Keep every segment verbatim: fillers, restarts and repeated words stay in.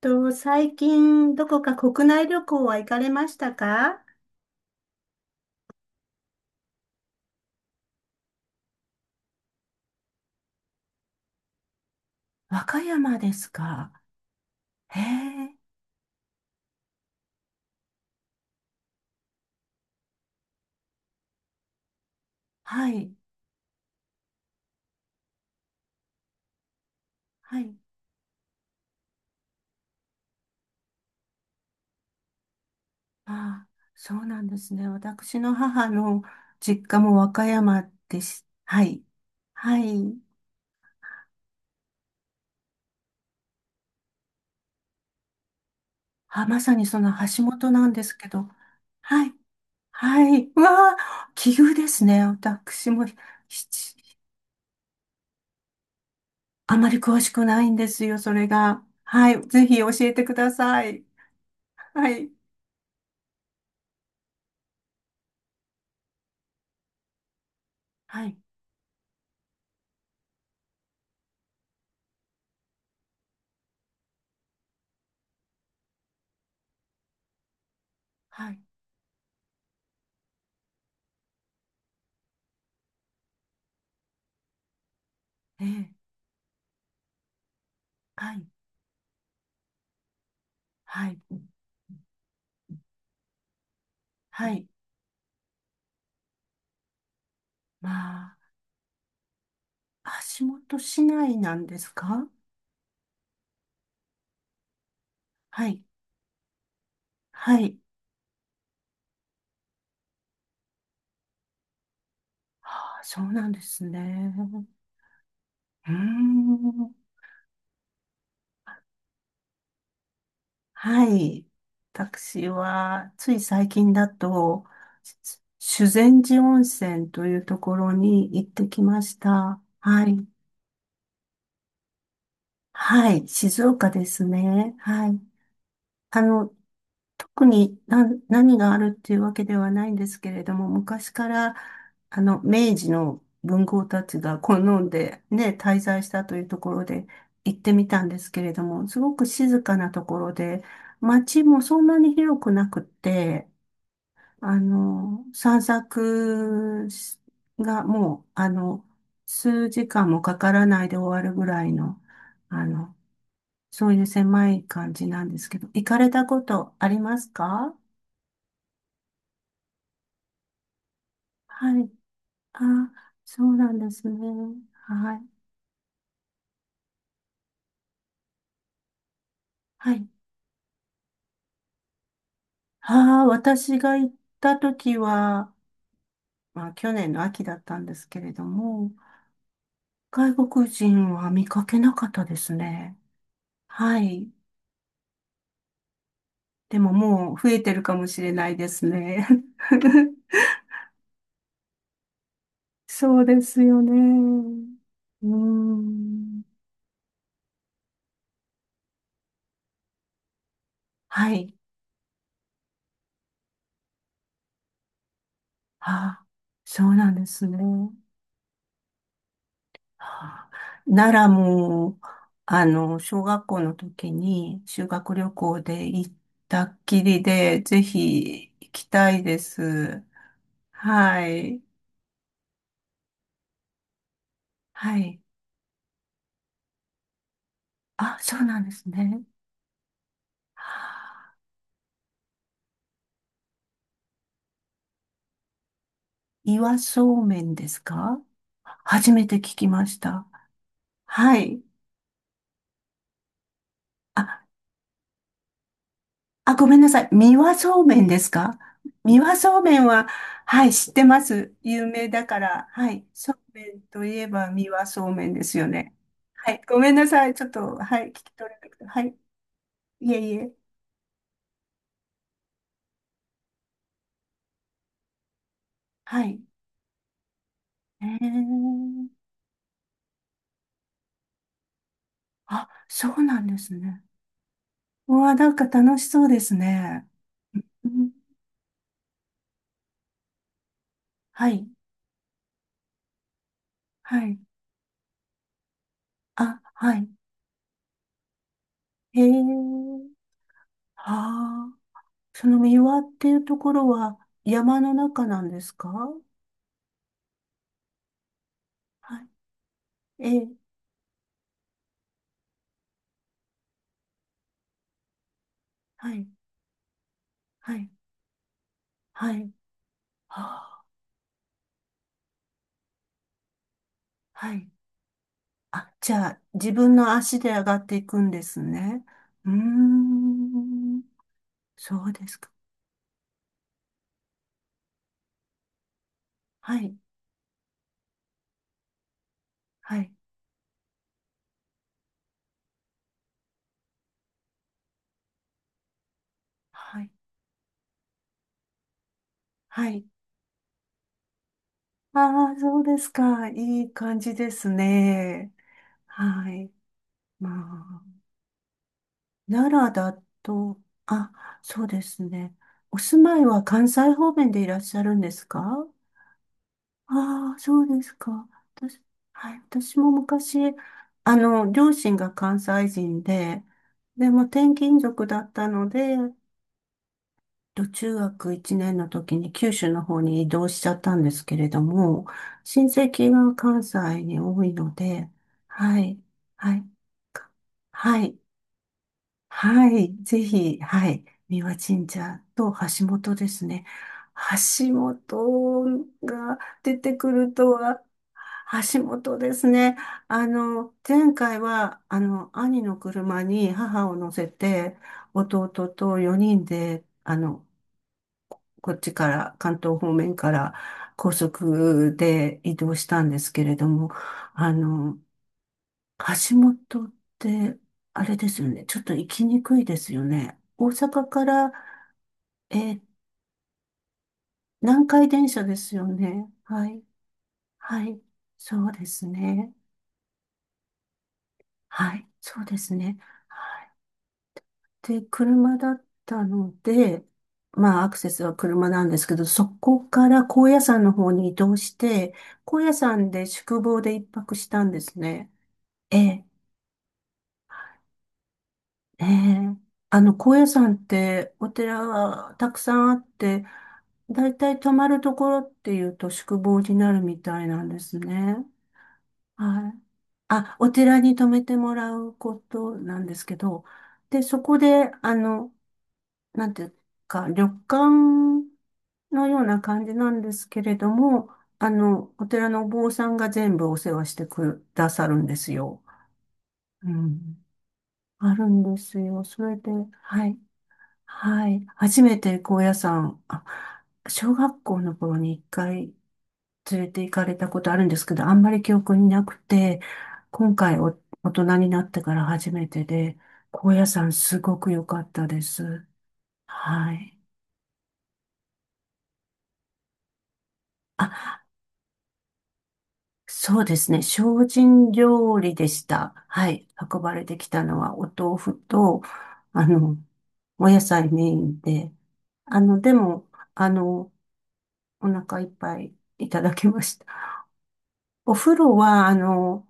と、最近、どこか国内旅行は行かれましたか？和歌山ですか。へえ、はい。はい。ああ、そうなんですね。私の母の実家も和歌山です。はい。はい。あ、まさにその橋本なんですけど。はい。はい。うわあ、奇遇ですね。私もひちあまり詳しくないんですよ、それが。はい。ぜひ教えてください。はい。はい。はい。ええ、はい、はい、はい。まあ、足元市内なんですか？はい、はい。ああ、そうなんですね。うーん、はい。私は、つい最近だと、し修善寺温泉というところに行ってきました。はい、はい、静岡ですね。はい。あの、特に何、何があるっていうわけではないんですけれども、昔から、あの、明治の文豪たちが好んでね、滞在したというところで行ってみたんですけれども、すごく静かなところで、街もそんなに広くなくって、あの、散策しがもう、あの、数時間もかからないで終わるぐらいの、あの、そういう狭い感じなんですけど、行かれたことありますか？はい。あ、そうなんですね。はい。はい。ああ、私が行った時は、まあ、去年の秋だったんですけれども、外国人は見かけなかったですね。はい。でももう増えてるかもしれないですね。そうですよね。うーん。はい。ああ、そうなんですね。あ奈良も、あの、小学校の時に修学旅行で行ったっきりで、ぜひ行きたいです。はい。はい。あ、そうなんですね。はあ岩そうめんですか？初めて聞きました。はい。ああ、ごめんなさい。三輪そうめんですか？三輪そうめんは、はい、知ってます。有名だから、はい。そうめんといえば三輪そうめんですよね。はい。ごめんなさい。ちょっと、はい。聞き取れなくて。はい。いえいえ。はい。えー。あ、そうなんですね。うわ、なんか楽しそうですね。うん、はい。はい。あ、はい。へえ。はあ。その三輪っていうところは山の中なんですか？はい、ええ、はい、はい、はい、はあ、はい。あ、じゃあ、自分の足で上がっていくんですね。うーん、そうですか。はい、はい、はい、はい。ああ、そうですか。いい感じですね。はい。まあ、奈良だと、あ、そうですね。お住まいは関西方面でいらっしゃるんですか？ああ、そうですか。私、はい、私も昔、あの、両親が関西人で、でも転勤族だったので、と中学いちねんの時に九州の方に移動しちゃったんですけれども、親戚が関西に多いので、はい、はい、かはい、はい、ぜひ、はい、三輪神社と橋本ですね。橋本が出てくるとは、橋本ですね。あの、前回は、あの、兄の車に母を乗せて、弟とよにんで、あの、こっちから、関東方面から高速で移動したんですけれども、あの、橋本って、あれですよね。ちょっと行きにくいですよね。大阪から、えー南海電車ですよね。はい。はい。そうですね。はい。そうですね。はい。で、車だったので、まあ、アクセスは車なんですけど、そこから高野山の方に移動して、高野山で宿坊で一泊したんですね。ええええ、あの、高野山ってお寺はたくさんあって、だいたい泊まるところっていうと宿坊になるみたいなんですね。はい。あ、お寺に泊めてもらうことなんですけど、で、そこで、あの、なんていうか、旅館のような感じなんですけれども、あの、お寺のお坊さんが全部お世話してくださるんですよ。うん。あるんですよ。それで、はい。はい。初めて高野山、あ、小学校の頃に一回連れて行かれたことあるんですけど、あんまり記憶になくて、今回お、大人になってから初めてで、高野山すごく良かったです。はい。あ、そうですね。精進料理でした。はい。運ばれてきたのはお豆腐と、あの、お野菜メインで、あの、でも、あの、お腹いっぱいいただきました。お風呂は、あの、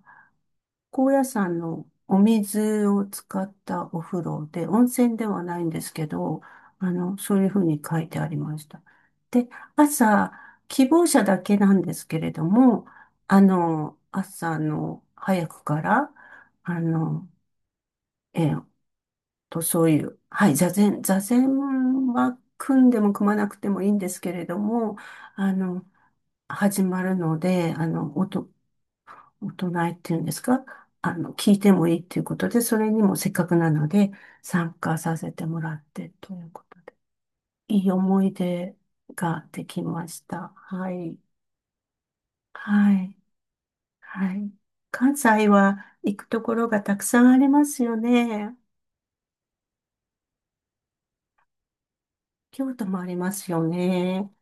高野山のお水を使ったお風呂で、温泉ではないんですけど、あの、そういうふうに書いてありました。で、朝、希望者だけなんですけれども、あの、朝の早くから、あの、えーっと、そういう、はい、座禅、座禅は組んでも組まなくてもいいんですけれども、あの、始まるので、あの、おと、お唱えっていうんですか？あの、聞いてもいいっていうことで、それにもせっかくなので参加させてもらってということで、いい思い出ができました。はい。はい。はい。関西は行くところがたくさんありますよね。京都もありますよね。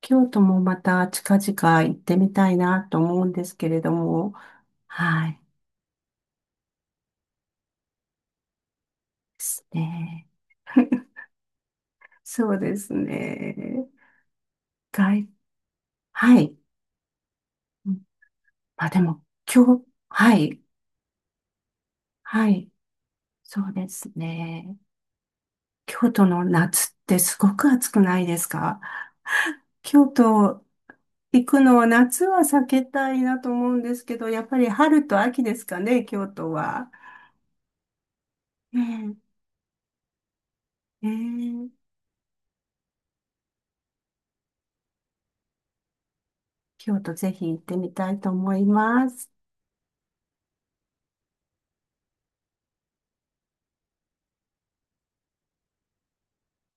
京都もまた近々行ってみたいなと思うんですけれども。はい。ですね。そうですね。外、はい。あ、でも、京、はい、はい、そうですね。京都の夏ってすごく暑くないですか？京都行くのは夏は避けたいなと思うんですけど、やっぱり春と秋ですかね、京都は。ねえ、ねえ、京都ぜひ行ってみたいと思います。